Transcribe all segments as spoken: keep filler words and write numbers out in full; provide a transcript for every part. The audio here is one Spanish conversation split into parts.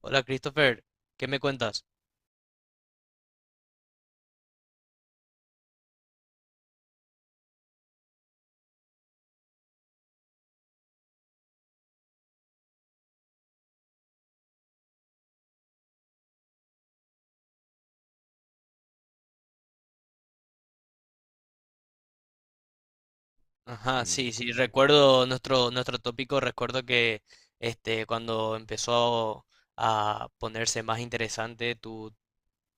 Hola Christopher, ¿qué me cuentas? Ajá. Mm, sí, sí, recuerdo nuestro, nuestro tópico. Recuerdo que este, cuando empezó a ponerse más interesante, tu-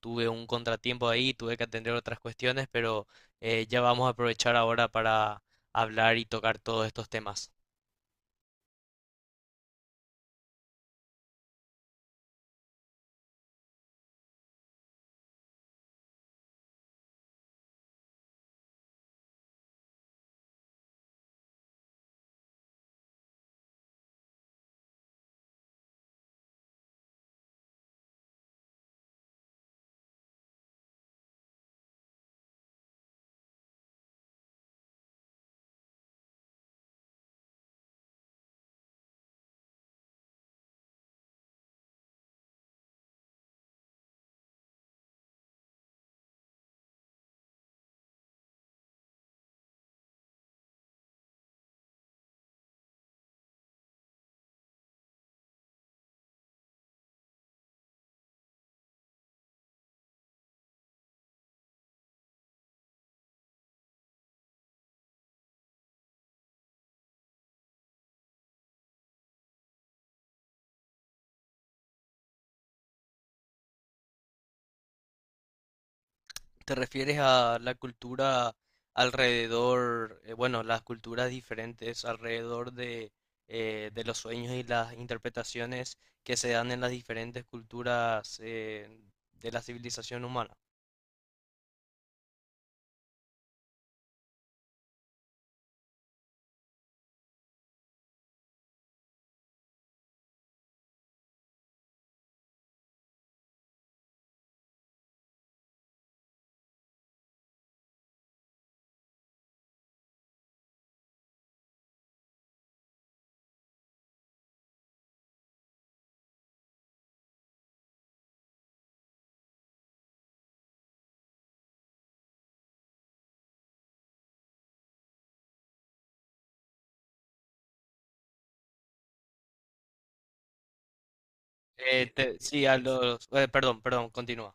tuve un contratiempo ahí, tuve que atender otras cuestiones, pero eh, ya vamos a aprovechar ahora para hablar y tocar todos estos temas. ¿Te refieres a la cultura alrededor, eh, bueno, las culturas diferentes alrededor de, eh, de los sueños y las interpretaciones que se dan en las diferentes culturas eh, de la civilización humana? Eh, te- sí, a los, eh, perdón, perdón, continúa.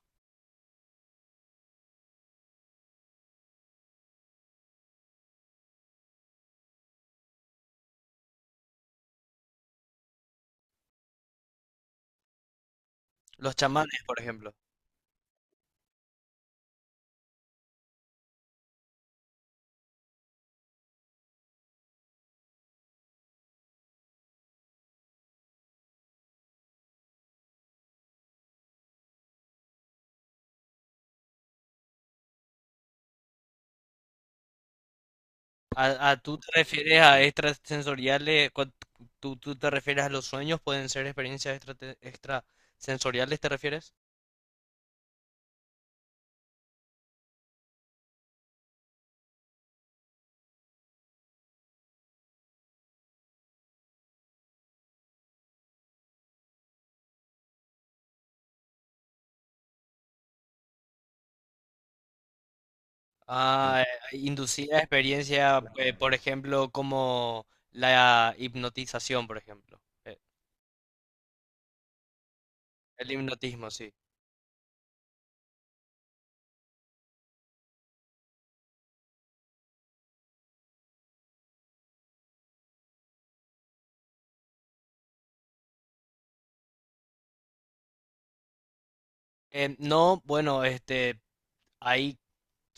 Los chamanes, por ejemplo. ¿A, a Tú te refieres a extrasensoriales? cu- ¿Tú, tú te refieres a los sueños? ¿Pueden ser experiencias extrate- extrasensoriales, te refieres? Ah, eh, inducida experiencia, eh, por ejemplo, como la hipnotización, por ejemplo. Eh, El hipnotismo, sí. Eh, no, bueno, este, ahí,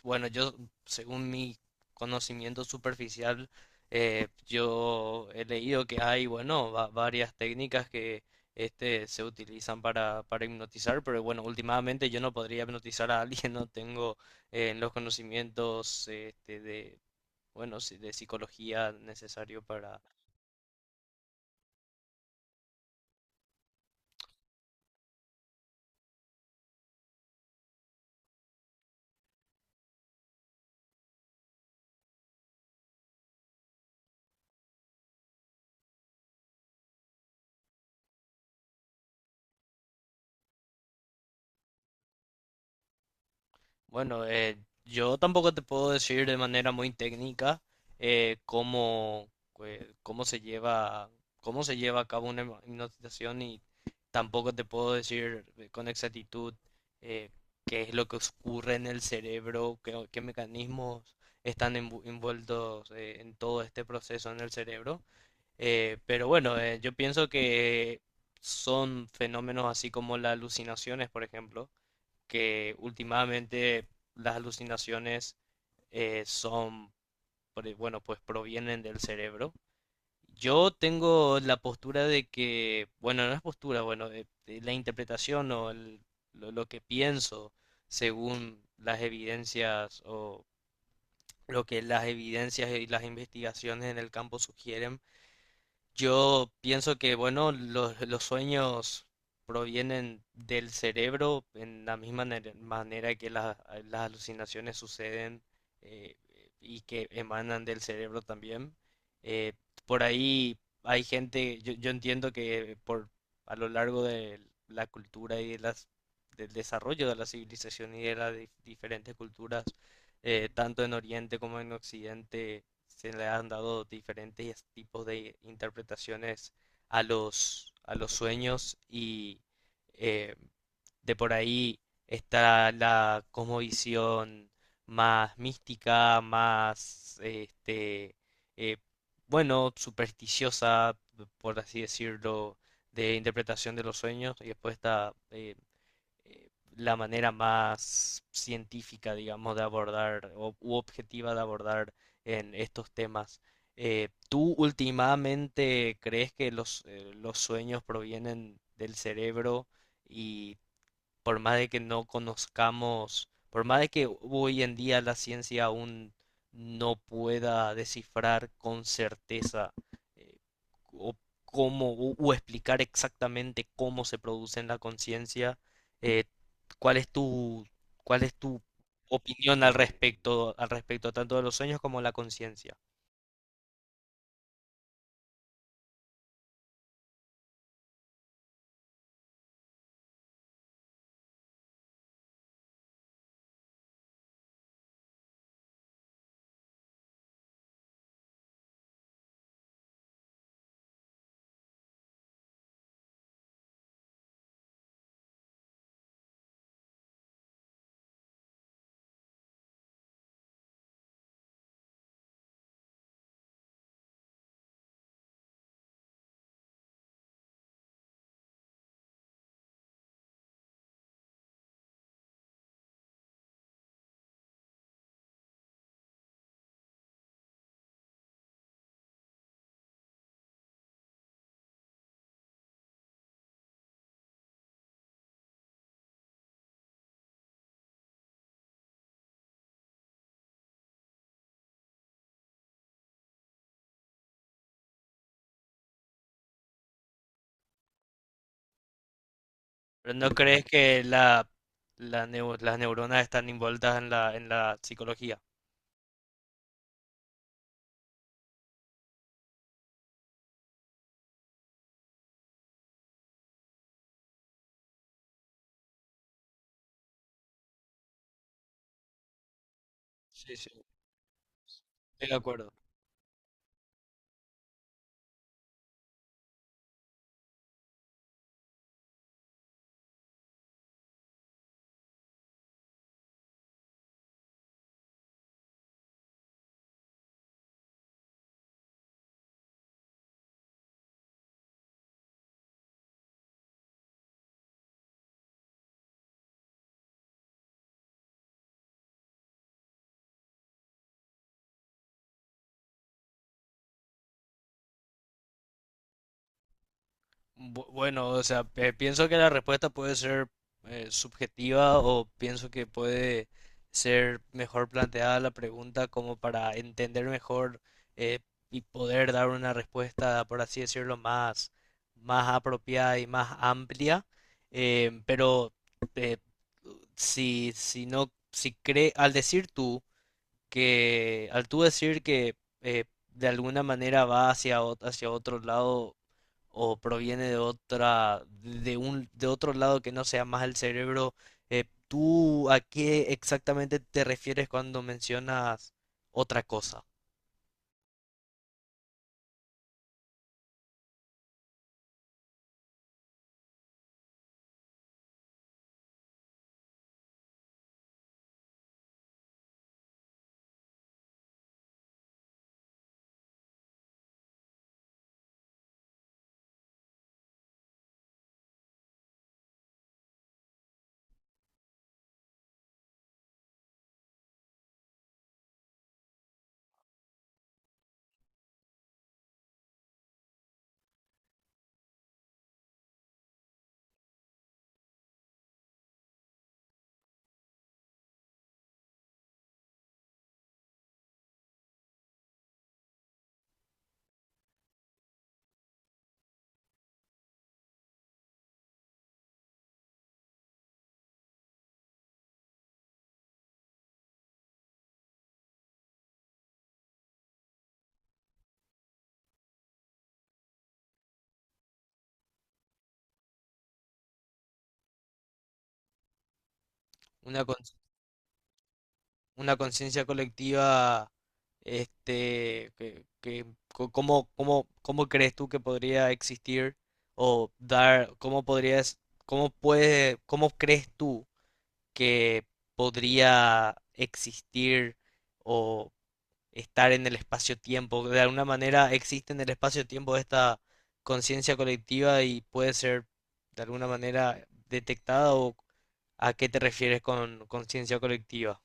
bueno, yo, según mi conocimiento superficial, eh, yo he leído que hay, bueno, va- varias técnicas que este, se utilizan para, para hipnotizar, pero bueno, últimamente yo no podría hipnotizar a alguien, no tengo eh, los conocimientos este, bueno, sí, de psicología necesario para... Bueno, eh, yo tampoco te puedo decir de manera muy técnica eh, cómo, eh, cómo se lleva, cómo se lleva a cabo una hipno- hipnotización, y tampoco te puedo decir eh, con exactitud eh, qué es lo que ocurre en el cerebro, qué, qué mecanismos están envu- envueltos eh, en todo este proceso en el cerebro. Eh, pero bueno, eh, yo pienso que son fenómenos así como las alucinaciones, por ejemplo, que últimamente las alucinaciones eh, son, pre- bueno, pues provienen del cerebro. Yo tengo la postura de que, bueno, no es postura, bueno, eh, eh, la interpretación o el- lo, lo que pienso según las evidencias o lo que las evidencias y las investigaciones en el campo sugieren. Yo pienso que, bueno, los, los sueños provienen del cerebro en la misma nere- manera que la- las alucinaciones suceden eh, y que emanan del cerebro también. Eh, por ahí hay gente, yo, yo entiendo que por a lo largo de la cultura y de las, del desarrollo de la civilización y de las dif- diferentes culturas, eh, tanto en Oriente como en Occidente se le han dado diferentes tipos de interpretaciones a los, a los sueños, y eh, de por ahí está la cosmovisión más mística, más, este, eh, bueno, supersticiosa, por así decirlo, de interpretación de los sueños. Y después está eh, eh, la manera más científica, digamos, de abordar o, u objetiva de abordar en estos temas. Eh, ¿tú últimamente crees que los, eh, los sueños provienen del cerebro y, por más de que no conozcamos, por más de que hoy en día la ciencia aún no pueda descifrar con certeza eh, o cómo o, o explicar exactamente cómo se produce en la conciencia, eh, ¿cuál es tu, cuál es tu opinión al respecto, al respecto tanto de los sueños como la conciencia? ¿Pero no crees que la, la neu- las neuronas están envueltas en la, en la psicología? Sí, sí, estoy de acuerdo. Bu- Bueno, o sea, eh, pienso que la respuesta puede ser eh, subjetiva, o pienso que puede ser mejor planteada la pregunta como para entender mejor eh, y poder dar una respuesta, por así decirlo, más, más apropiada y más amplia. Eh, pero eh, si, si no, si cree, al decir tú que al tú decir que eh, de alguna manera va hacia, ot- hacia otro lado, o proviene de otra, de un, de otro lado que no sea más el cerebro, eh, ¿tú a qué exactamente te refieres cuando mencionas otra cosa? Una, cons- una conciencia colectiva, este, que, que, co- ¿cómo, cómo, cómo crees tú que podría existir o dar, cómo podrías, cómo puede, cómo crees tú que podría existir o estar en el espacio-tiempo? De alguna manera existe en el espacio-tiempo esta conciencia colectiva y puede ser de alguna manera detectada, o ¿a qué te refieres con conciencia colectiva?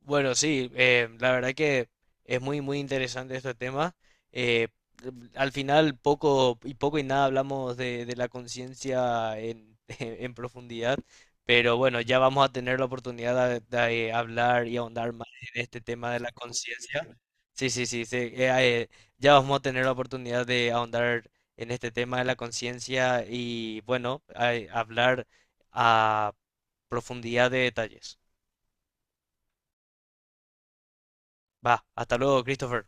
Bueno, sí, eh, la verdad que es muy, muy interesante este tema. Eh, Al final, poco y poco y nada hablamos de, de la conciencia en, en profundidad, pero bueno, ya vamos a tener la oportunidad de, de hablar y ahondar más en este tema de la conciencia. Sí, sí, sí, sí, eh, eh, ya vamos a tener la oportunidad de ahondar en este tema de la conciencia y bueno, a- hablar a profundidad de detalles. Va, hasta luego, Christopher.